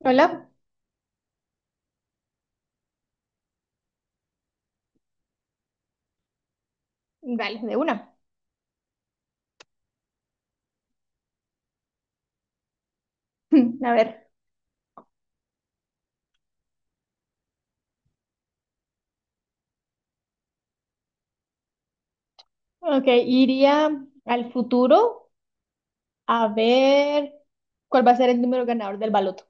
Hola, vale, de una. A ver, ok, iría al futuro a ver cuál va a ser el número ganador del baloto.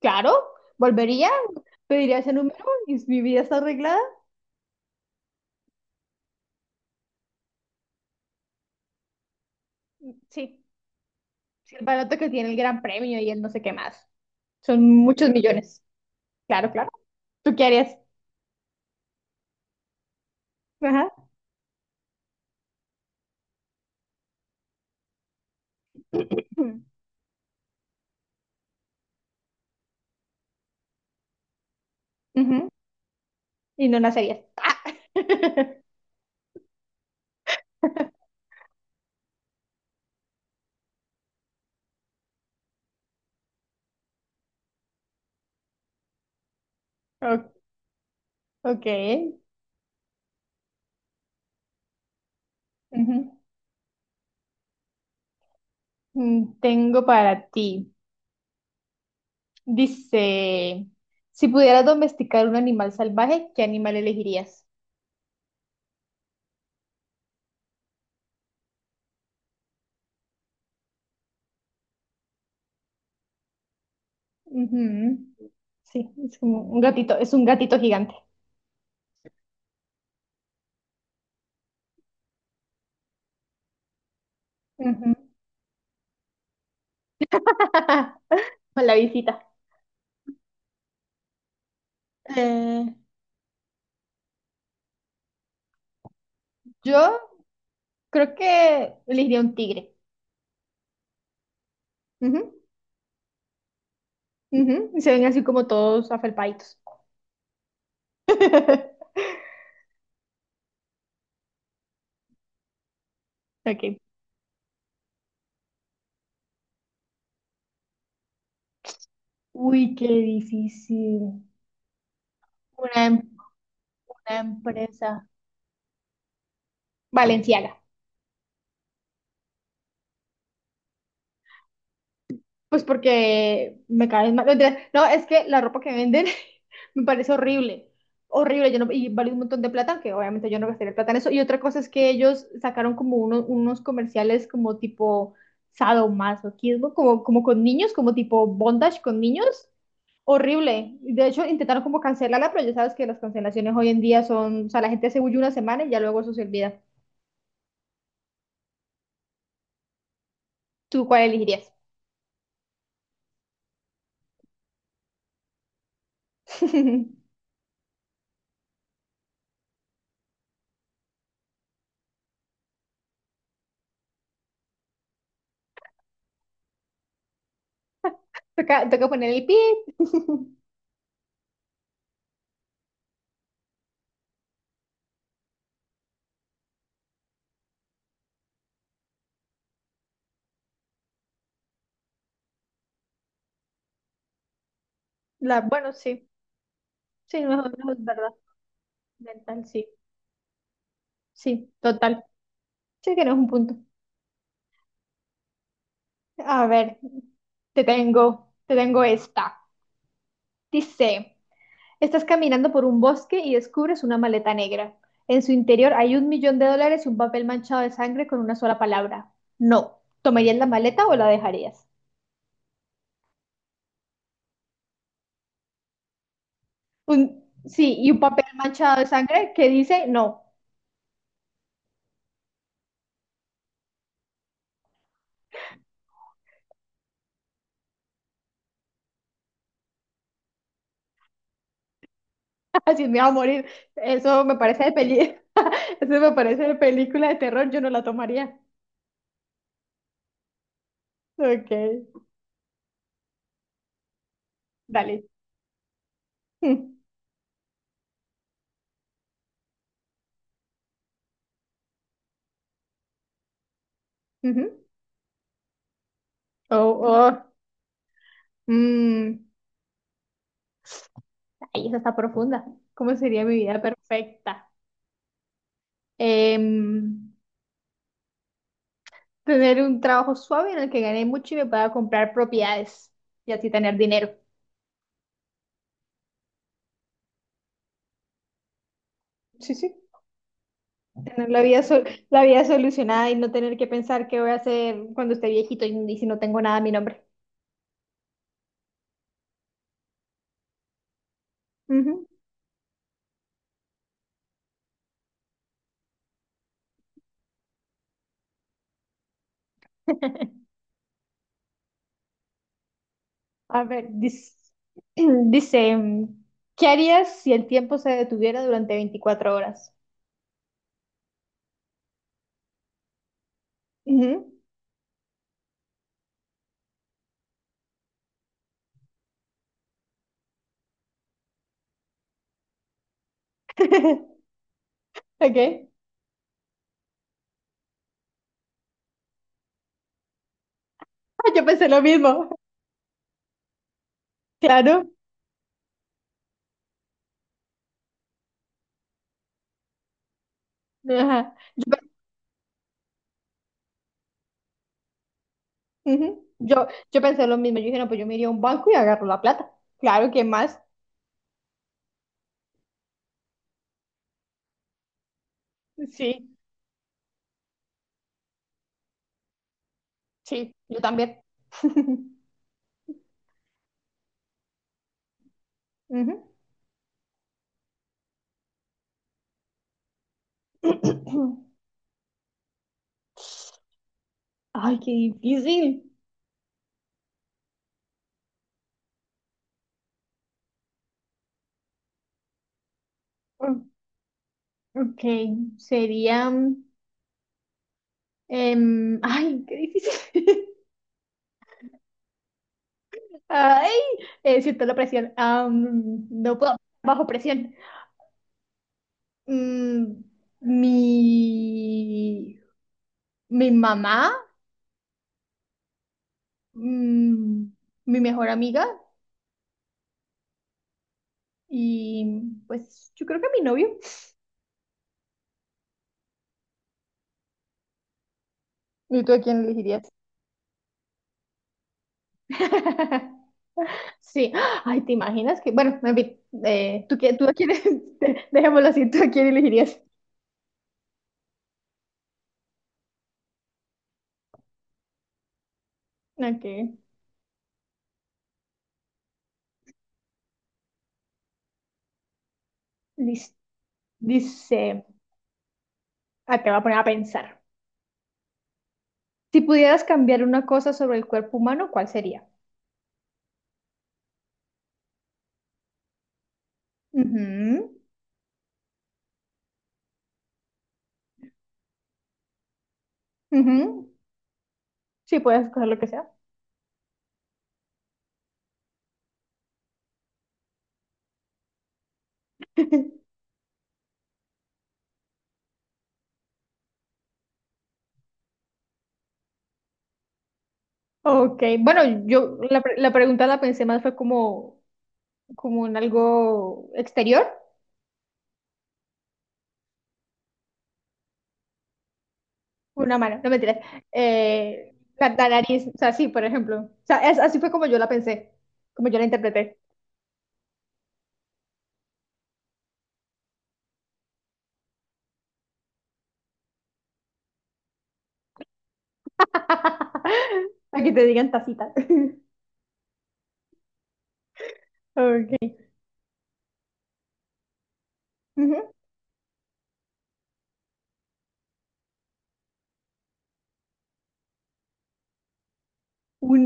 Claro, volvería, pediría ese número y si mi vida está arreglada. Sí, sí, el baloto que tiene el gran premio y el no sé qué más. Son muchos millones. Claro, claro. ¿Tú qué harías? Ajá. Ujú. Ujú. Y no nacerías. Ah. O- Ok. Ujú. Tengo para ti. Dice, si pudieras domesticar un animal salvaje, ¿qué animal elegirías? Ujú. Sí, es como un gatito, es un gatito gigante. Ujú. Con la visita. Eh, yo creo que elegiría un tigre. Ujú, ujú. Y se ven así como todos afelpaditos. Ok. Uy, qué difícil. Una, em- una empresa. Valenciaga. Pues porque me caen mal. No, mentira. No, es que la ropa que venden me parece horrible. Horrible. Yo no, y vale un montón de plata, que obviamente yo no gastaría plata en eso. Y otra cosa es que ellos sacaron como unos comerciales como tipo sadomasoquismo, como con niños, como tipo bondage con niños. Horrible. De hecho, intentaron como cancelarla, pero ya sabes que las cancelaciones hoy en día son, o sea, la gente se huye una semana y ya luego eso se olvida. ¿Tú cuál elegirías? Toca, toca poner el pi. Bueno, sí. Sí, no, es no es verdad. Mental, sí. Sí, total. Sí, que no es un punto. A ver, te tengo esta. Dice, estás caminando por un bosque y descubres una maleta negra. En su interior hay $1 millón y un papel manchado de sangre con una sola palabra. No. ¿Tomarías la maleta o la dejarías? Sí, y un papel manchado de sangre que dice no. Así me va a morir. Eso me parece de peli. Eso me parece de película de terror. Yo no la tomaría. Ok. Dale. Mm, ujú. Oh, oh, mm, ay, esa está profunda. ¿Cómo sería mi vida perfecta? Em, tener un trabajo suave en el que gane mucho y me pueda comprar propiedades y así tener dinero. Sí, sí. Tener la vida, la vida solucionada y no tener que pensar qué voy a hacer cuando esté viejito y si no tengo nada a mi nombre. Ujú. A ver, dice, dice, ¿qué harías si el tiempo se detuviera durante 24 horas? Ujú. Ok. Yo pensé lo mismo, claro. Ajá. Ujú. Yo pensé lo mismo. Yo dije, no, pues yo me iría a un banco y agarro la plata. Claro, ¿quién más? Sí, sí, yo también. Ujú. Ay, qué difícil. Mm, Ok, sería. Ay, qué difícil. Ay, siento la presión. No puedo, bajo presión. Mm, mi, mi mamá, mm, mi mejor amiga y pues yo creo que mi novio. ¿Y tú a quién elegirías? Sí, ay, ¿te imaginas que? Bueno, en fin, ¿tú, qué, tú a quién, dejémoslo así, ¿tú a quién elegirías? Ok, Dis- dice, te voy a poner a pensar. Si pudieras cambiar una cosa sobre el cuerpo humano, ¿cuál sería? Ujú, ujú. Sí, puedes escoger lo que sea. Ok, bueno, yo la pregunta la pensé más fue como, en algo exterior, Una mano, no mentiras. La nariz, o sea, sí, por ejemplo. O sea, así fue como yo la pensé, como yo la interpreté. Aquí te digan tacita. Ok. Ujú. Un,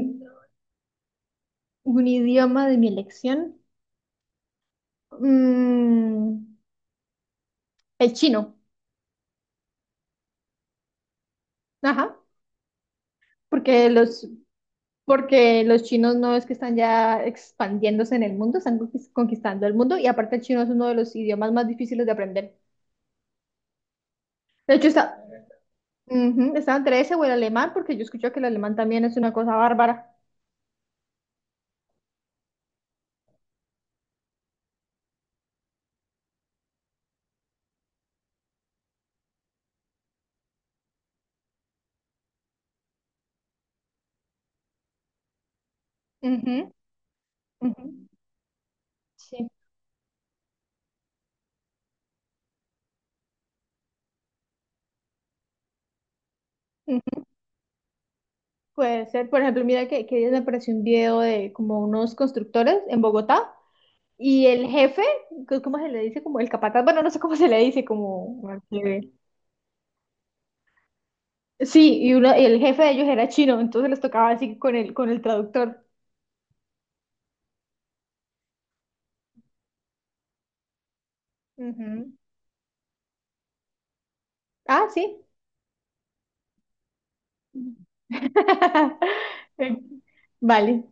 un idioma de mi elección. Mm, el chino. Ajá. Porque los, porque los chinos no es que están ya expandiéndose en el mundo, están conquistando el mundo y aparte el chino es uno de los idiomas más difíciles de aprender. De hecho, Ujú, Estaba entre ese o el alemán, porque yo escucho que el alemán también es una cosa bárbara. Ujú, ujú. Sí. Ujú. Puede ser, por ejemplo, mira que ayer me apareció un video de como unos constructores en Bogotá y el jefe, ¿cómo se le dice? Como el capataz, bueno, no sé cómo se le dice, como el que-. Sí, y el jefe de ellos era chino, entonces les tocaba así con con el traductor. Ujú. Ah, sí. Vale.